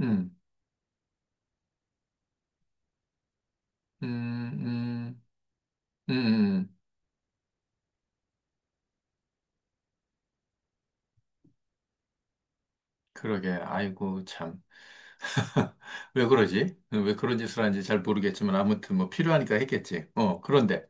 음, 음, 음, 음, 음. 그러게. 아이고, 참. 왜 그러지? 왜 그런 짓을 하는지 잘 모르겠지만, 아무튼 뭐 필요하니까 했겠지. 그런데.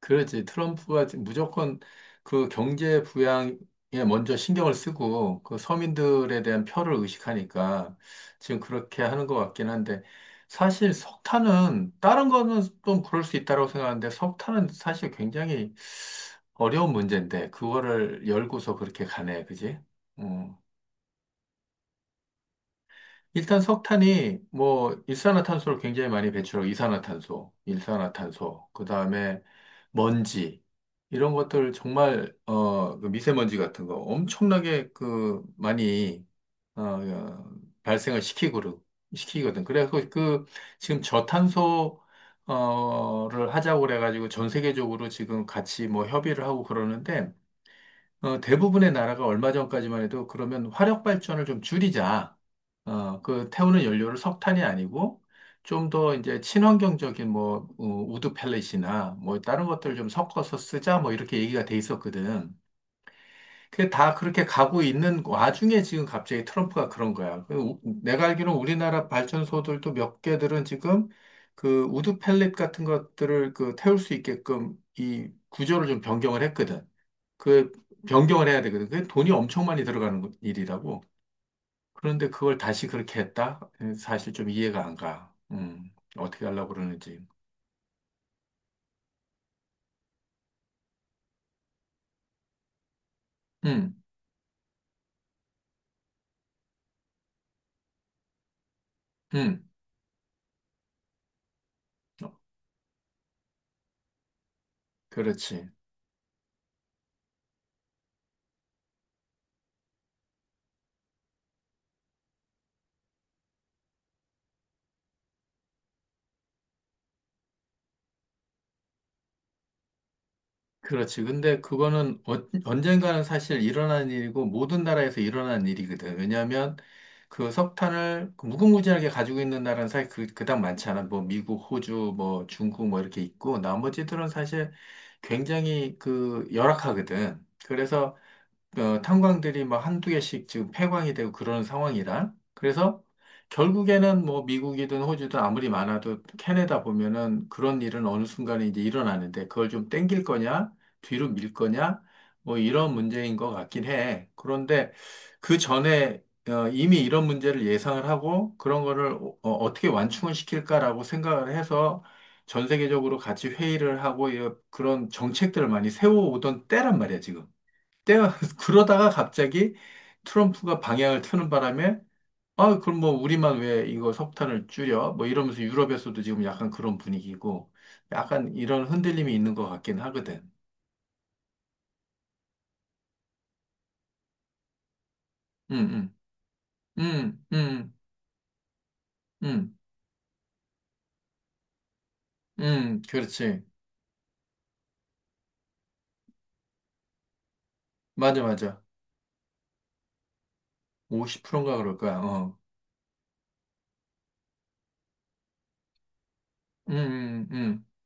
그렇지. 트럼프가 지 무조건 그 경제 부양에 먼저 신경을 쓰고, 그 서민들에 대한 표를 의식하니까 지금 그렇게 하는 것 같긴 한데, 사실 석탄은, 다른 거는 좀 그럴 수 있다고 생각하는데, 석탄은 사실 굉장히 어려운 문제인데 그거를 열고서 그렇게 가네, 그지? 음. 일단 석탄이 뭐 일산화탄소를 굉장히 많이 배출하고 이산화탄소, 일산화탄소, 그다음에 먼지 이런 것들 정말 그 미세먼지 같은 거 엄청나게 그 많이 어, 어, 발생을 시키고 시키거든. 그래서 그 지금 저탄소 어를 하자고 그래가지고 전 세계적으로 지금 같이 뭐 협의를 하고 그러는데 대부분의 나라가 얼마 전까지만 해도 그러면 화력 발전을 좀 줄이자. 그 태우는 연료를 석탄이 아니고 좀 더 이제 친환경적인 뭐 우드 펠렛이나 뭐 다른 것들 좀 섞어서 쓰자 뭐 이렇게 얘기가 돼 있었거든. 근데 다 그렇게 가고 있는 와중에 지금 갑자기 트럼프가 그런 거야. 내가 알기로는 우리나라 발전소들도 몇 개들은 지금 그 우드 펠렛 같은 것들을 그 태울 수 있게끔 이 구조를 좀 변경을 했거든. 그 변경을 해야 되거든. 그게 돈이 엄청 많이 들어가는 일이라고. 그런데 그걸 다시 그렇게 했다? 사실 좀 이해가 안 가. 어떻게 하려고 그러는지. 음, 음, 어, 그렇지. 그렇지. 근데 그거는 언젠가는 사실 일어난 일이고 모든 나라에서 일어난 일이거든. 왜냐하면 그 석탄을 그 무궁무진하게 가지고 있는 나라는 사실 그닥 많지 않아. 뭐 미국, 호주, 뭐 중국 뭐 이렇게 있고 나머지들은 사실 굉장히 그 열악하거든. 그래서 탄광들이 막 한두 개씩 지금 폐광이 되고 그러는 상황이라. 그래서 결국에는 뭐 미국이든 호주든 아무리 많아도 캐내다 보면은 그런 일은 어느 순간에 이제 일어나는데 그걸 좀 땡길 거냐, 뒤로 밀 거냐, 뭐 이런 문제인 것 같긴 해. 그런데 그 전에 이미 이런 문제를 예상을 하고 그런 거를 어, 떻게 완충을 시킬까라고 생각을 해서 전 세계적으로 같이 회의를 하고 이 그런 정책들을 많이 세워오던 때란 말이야, 지금. 때가 그러다가 갑자기 트럼프가 방향을 트는 바람에 아 그럼 뭐 우리만 왜 이거 석탄을 줄여? 뭐 이러면서 유럽에서도 지금 약간 그런 분위기고 약간 이런 흔들림이 있는 것 같긴 하거든. 응응. 응응. 응응. 응. 응, 응, 그렇지. 맞아, 맞아. 50%인가 그럴 거야. 어. 응응. 응응.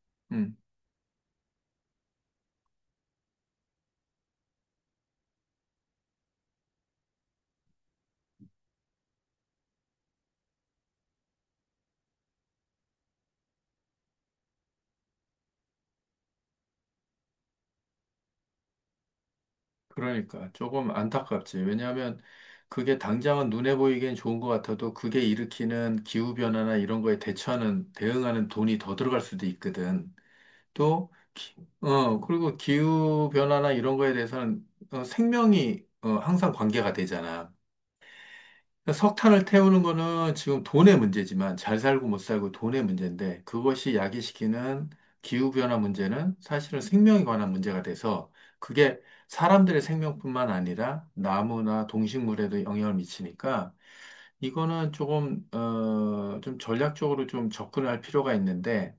그러니까 조금 안타깝지. 왜냐하면 그게 당장은 눈에 보이기엔 좋은 것 같아도 그게 일으키는 기후변화나 이런 거에 대처하는, 대응하는 돈이 더 들어갈 수도 있거든. 또, 그리고 기후변화나 이런 거에 대해서는 생명이 항상 관계가 되잖아. 그러니까 석탄을 태우는 거는 지금 돈의 문제지만 잘 살고 못 살고 돈의 문제인데 그것이 야기시키는 기후변화 문제는 사실은 생명에 관한 문제가 돼서 그게 사람들의 생명뿐만 아니라 나무나 동식물에도 영향을 미치니까 이거는 조금, 좀 전략적으로 좀 접근할 필요가 있는데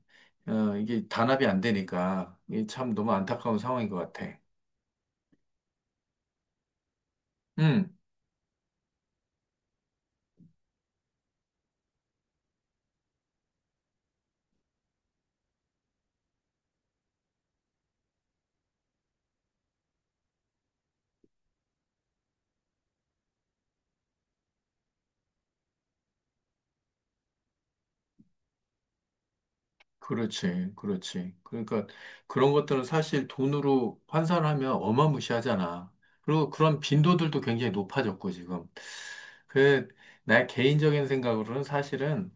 이게 단합이 안 되니까 이게 참 너무 안타까운 상황인 것 같아. 음. 그렇지, 그렇지. 그러니까 그런 것들은 사실 돈으로 환산하면 어마무시하잖아. 그리고 그런 빈도들도 굉장히 높아졌고, 지금. 그, 나의 개인적인 생각으로는 사실은,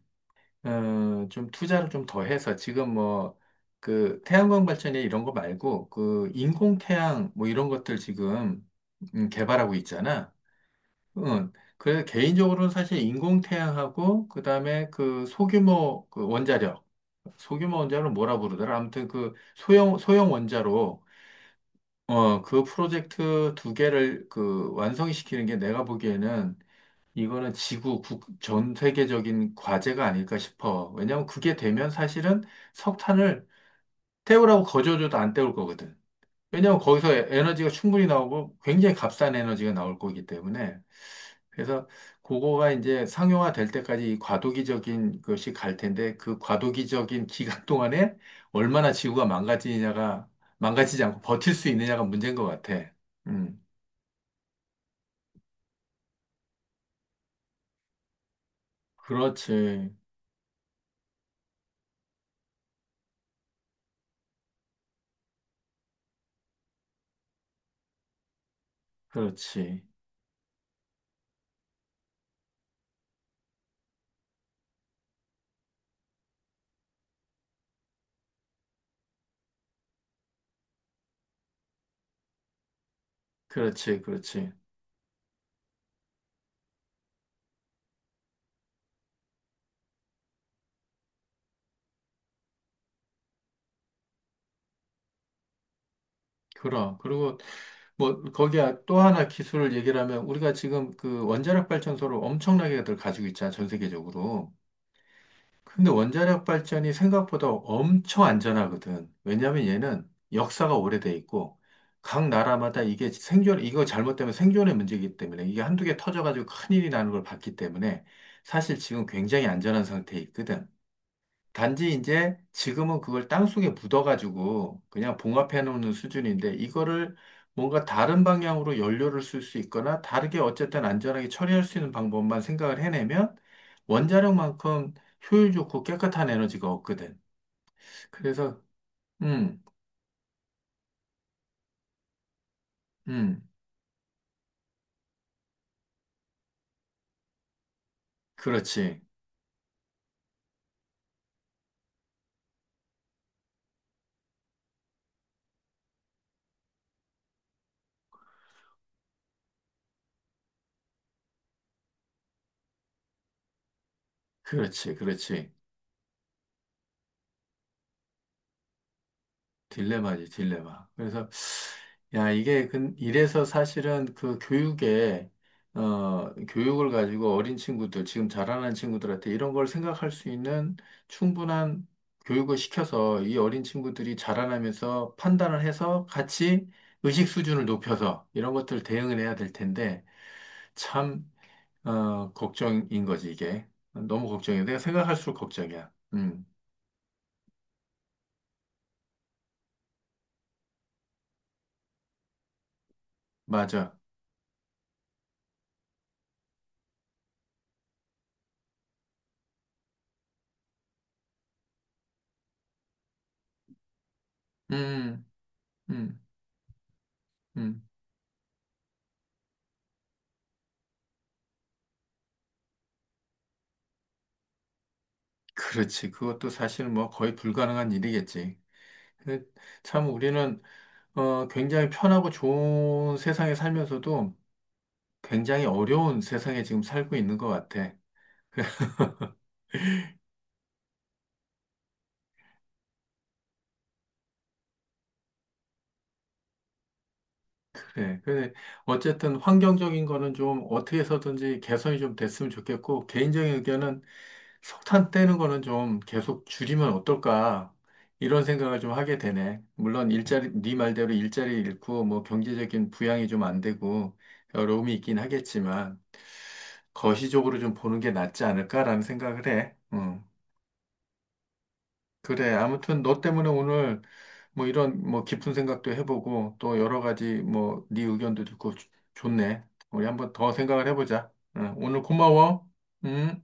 좀 투자를 좀 더 해서 지금 뭐, 그 태양광 발전이나 이런 거 말고, 그 인공태양 뭐 이런 것들 지금 개발하고 있잖아. 응. 그래서 개인적으로는 사실 인공태양하고 그다음에 그 소규모 원자력 뭐라 부르더라 아무튼 그 소형 원자로 그 프로젝트 두 개를 그 완성시키는 게 내가 보기에는 이거는 지구 국, 전 세계적인 과제가 아닐까 싶어. 왜냐하면 그게 되면 사실은 석탄을 태우라고 거저줘도 안 태울 거거든. 왜냐하면 거기서 에너지가 충분히 나오고 굉장히 값싼 에너지가 나올 거기 때문에. 그래서 그거가 이제 상용화 될 때까지 이 과도기적인 것이 갈 텐데 그 과도기적인 기간 동안에 얼마나 지구가 망가지냐가 망가지지 않고 버틸 수 있느냐가 문제인 것 같아. 음, 그렇지, 그렇지, 그렇지, 그렇지. 그럼 그리고 뭐 거기에 또 하나 기술을 얘기를 하면 우리가 지금 그 원자력 발전소를 엄청나게들 가지고 있잖아 전 세계적으로. 근데 원자력 발전이 생각보다 엄청 안전하거든. 왜냐하면 얘는 역사가 오래돼 있고 각 나라마다 이게 생존, 이거 잘못되면 생존의 문제이기 때문에 이게 한두 개 터져가지고 큰일이 나는 걸 봤기 때문에 사실 지금 굉장히 안전한 상태에 있거든. 단지 이제 지금은 그걸 땅속에 묻어가지고 그냥 봉합해 놓는 수준인데 이거를 뭔가 다른 방향으로 연료를 쓸 수 있거나 다르게 어쨌든 안전하게 처리할 수 있는 방법만 생각을 해내면 원자력만큼 효율 좋고 깨끗한 에너지가 없거든. 그래서 음, 음, 그렇지, 그렇지, 그렇지. 딜레마지, 딜레마. 그래서 야, 이게 이래서 사실은 그 교육에 교육을 가지고 어린 친구들, 지금 자라는 친구들한테 이런 걸 생각할 수 있는 충분한 교육을 시켜서 이 어린 친구들이 자라나면서 판단을 해서 같이 의식 수준을 높여서 이런 것들 대응을 해야 될 텐데 참 걱정인 거지 이게. 너무 걱정이야. 내가 생각할수록 걱정이야. 맞아. 음, 음, 음. 그렇지. 그것도 사실 뭐 거의 불가능한 일이겠지. 근데 참 우리는 굉장히 편하고 좋은 세상에 살면서도 굉장히 어려운 세상에 지금 살고 있는 것 같아. 그래. 근데 어쨌든 환경적인 거는 좀 어떻게 해서든지 개선이 좀 됐으면 좋겠고, 개인적인 의견은 석탄 떼는 거는 좀 계속 줄이면 어떨까? 이런 생각을 좀 하게 되네. 물론 일자리, 네 말대로 일자리 잃고 뭐 경제적인 부양이 좀 안 되고 어려움이 있긴 하겠지만 거시적으로 좀 보는 게 낫지 않을까라는 생각을 해. 음. 그래. 아무튼 너 때문에 오늘 뭐 이런 뭐 깊은 생각도 해보고 또 여러 가지 뭐 네 의견도 듣고 좋네. 우리 한번 더 생각을 해보자. 응, 오늘 고마워. 응.